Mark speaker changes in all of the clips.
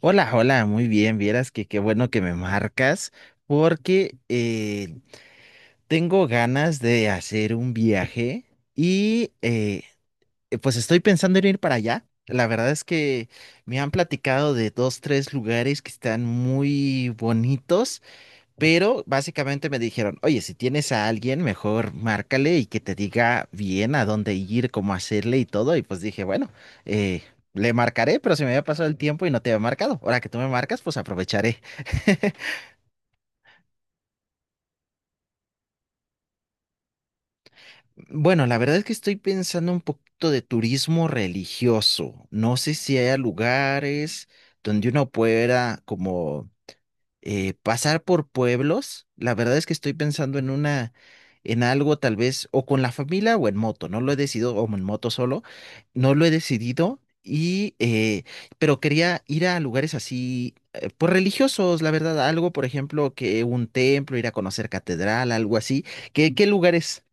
Speaker 1: Hola, hola, muy bien. Vieras que qué bueno que me marcas porque tengo ganas de hacer un viaje y pues estoy pensando en ir para allá. La verdad es que me han platicado de dos, tres lugares que están muy bonitos, pero básicamente me dijeron, oye, si tienes a alguien, mejor márcale y que te diga bien a dónde ir, cómo hacerle y todo. Y pues dije, bueno, eh, le marcaré, pero se me había pasado el tiempo y no te había marcado. Ahora que tú me marcas, pues aprovecharé. Bueno, la verdad es que estoy pensando un poquito de turismo religioso. No sé si haya lugares donde uno pueda como pasar por pueblos. La verdad es que estoy pensando en en algo tal vez, o con la familia o en moto, no lo he decidido, o en moto solo, no lo he decidido, pero quería ir a lugares así, pues religiosos, la verdad, algo, por ejemplo, que un templo, ir a conocer catedral, algo así. ¿Qué lugares?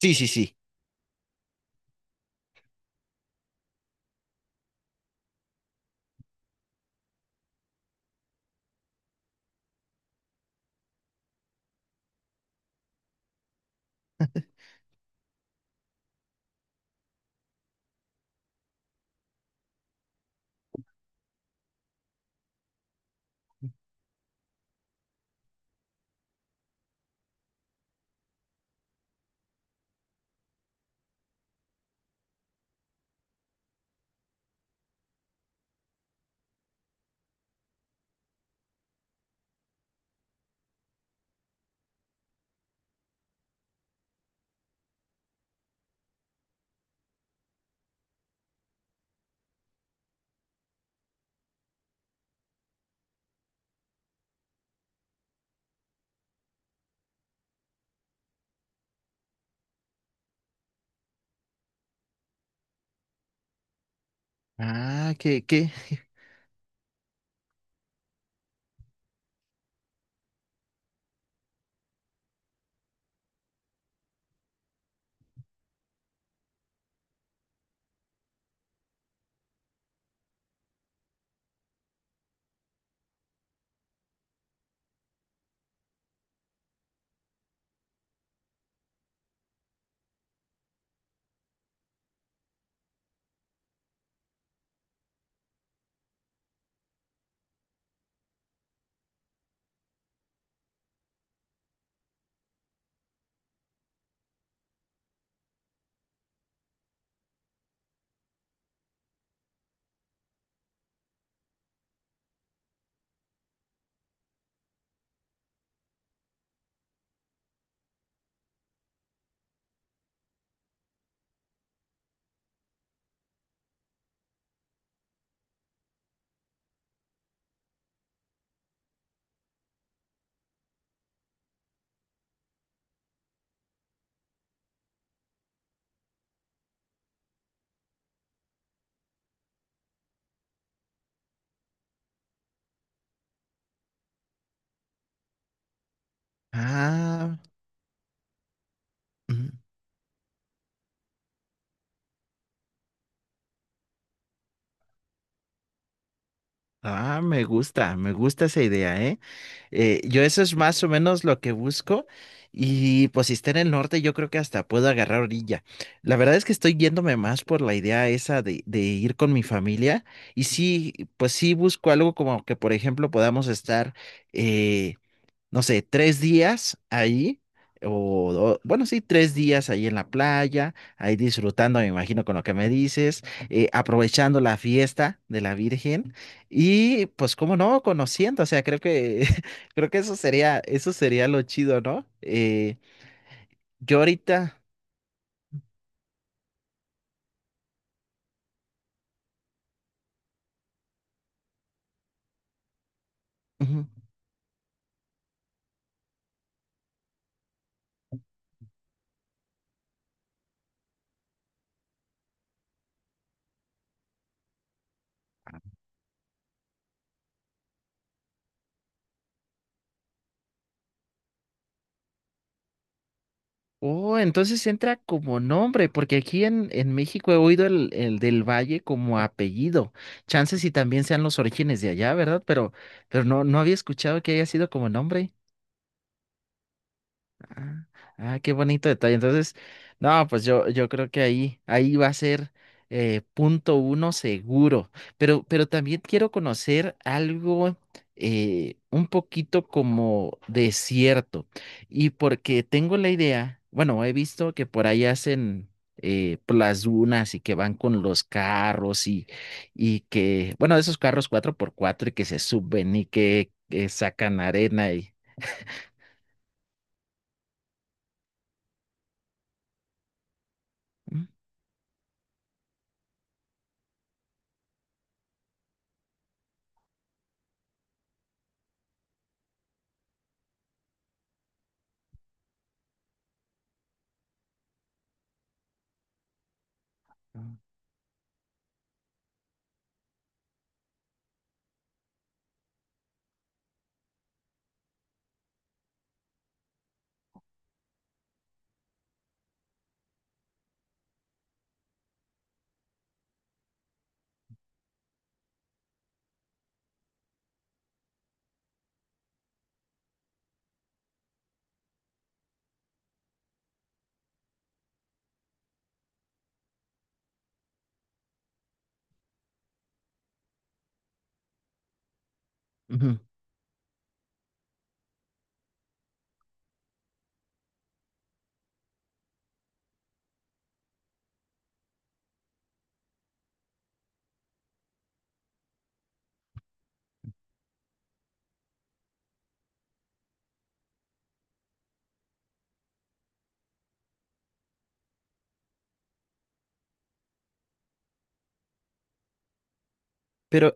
Speaker 1: Sí, sí, sí. Ah, qué. Ah. Ah, me gusta esa idea, ¿eh? Yo eso es más o menos lo que busco, y pues si está en el norte yo creo que hasta puedo agarrar orilla. La verdad es que estoy yéndome más por la idea esa de ir con mi familia, y sí, pues sí busco algo como que por ejemplo podamos estar eh, no sé, 3 días ahí, bueno, sí, 3 días ahí en la playa, ahí disfrutando, me imagino, con lo que me dices, aprovechando la fiesta de la Virgen y pues, cómo no, conociendo, o sea, creo que, creo que eso sería lo chido, ¿no? Yo ahorita. Ujú. Oh, entonces entra como nombre, porque aquí en México he oído el del Valle como apellido. Chances y también sean los orígenes de allá, ¿verdad? Pero no, había escuchado que haya sido como nombre. Ah, ah, qué bonito detalle. Entonces, no, pues yo creo que ahí va a ser punto uno seguro. Pero también quiero conocer algo un poquito como desierto. Y porque tengo la idea, bueno, he visto que por ahí hacen por las dunas y que van con los carros y que, bueno, esos carros 4x4 y que se suben y que, sacan arena y. Ujú. Ujú. Pero.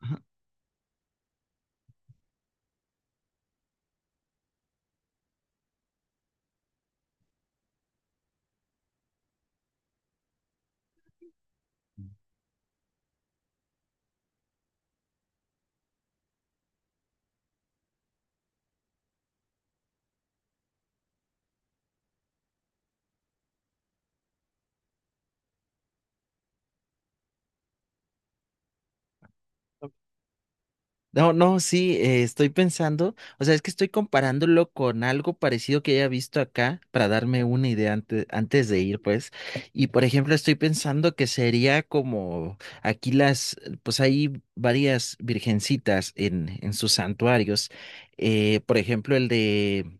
Speaker 1: Ajá. No, no, sí, estoy pensando, o sea, es que estoy comparándolo con algo parecido que haya visto acá para darme una idea antes de ir, pues. Y por ejemplo, estoy pensando que sería como aquí pues hay varias virgencitas en sus santuarios. Por ejemplo, el de,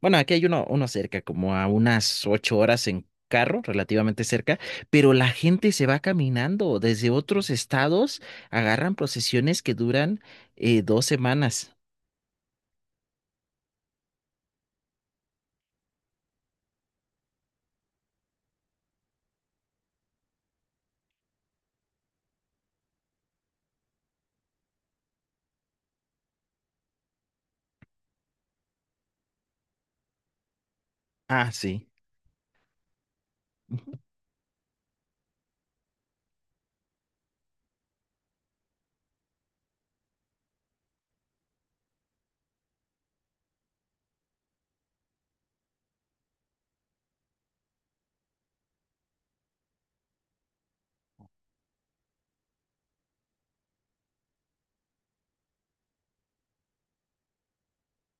Speaker 1: bueno, aquí hay uno cerca, como a unas 8 horas en carro, relativamente cerca, pero la gente se va caminando. Desde otros estados agarran procesiones que duran 2 semanas. Ah, sí. Ujú,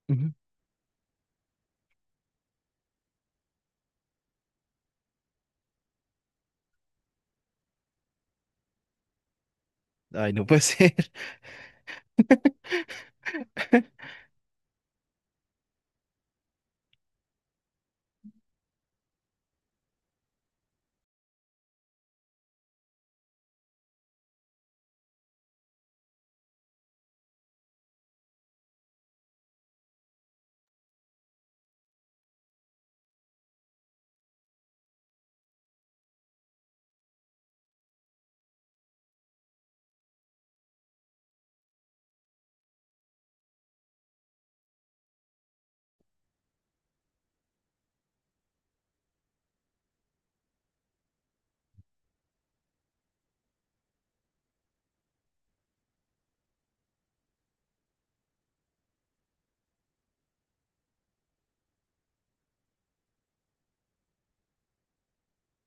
Speaker 1: ujú. Ay, no puede ser.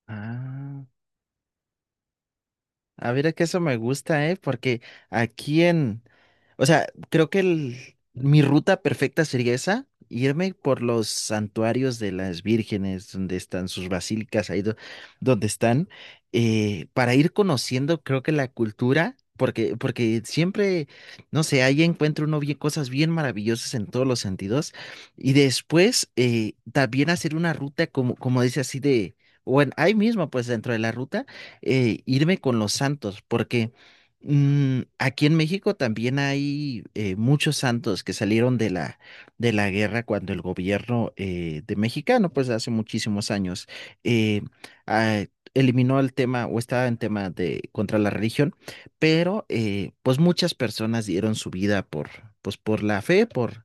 Speaker 1: Ah. A ver, es que eso me gusta, ¿eh? Porque aquí o sea, creo que mi ruta perfecta sería esa, irme por los santuarios de las vírgenes, donde están sus basílicas, donde están, para ir conociendo, creo que la cultura, porque siempre, no sé, ahí encuentro uno bien, cosas bien maravillosas en todos los sentidos, y después también hacer una ruta como, como dice así de, bueno, ahí mismo, pues dentro de la ruta irme con los santos, porque aquí en México también hay muchos santos que salieron de la guerra cuando el gobierno de mexicano, pues hace muchísimos años, eh, ah, eliminó el tema o estaba en tema de contra la religión, pero pues muchas personas dieron su vida pues por la fe, por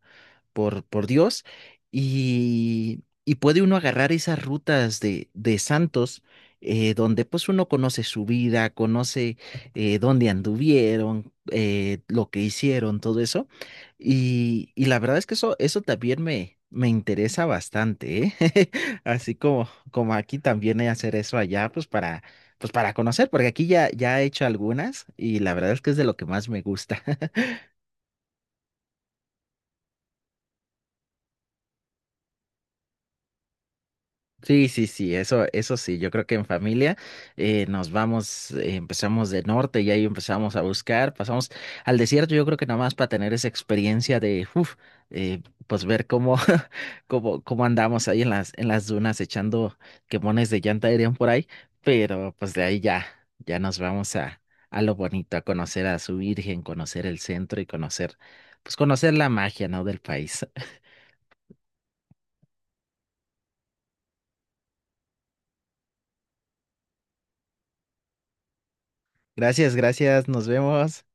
Speaker 1: por, por Dios, y puede uno agarrar esas rutas de santos donde pues uno conoce su vida, conoce dónde anduvieron, lo que hicieron, todo eso. Y la verdad es que eso también me interesa bastante, ¿eh? Así como aquí también he hacer eso allá, pues pues para conocer, porque aquí ya he hecho algunas y la verdad es que es de lo que más me gusta. Sí, sí, sí, eso sí, yo creo que en familia nos vamos, empezamos de norte y ahí empezamos a buscar, pasamos al desierto, yo creo que nada más para tener esa experiencia eh, pues ver cómo, cómo andamos ahí en las dunas echando quemones de llanta dirían por ahí, pero pues de ahí ya, ya nos vamos a lo bonito, a conocer a su Virgen, conocer el centro y conocer, pues conocer la magia, ¿no?, del país. Gracias, gracias, nos vemos.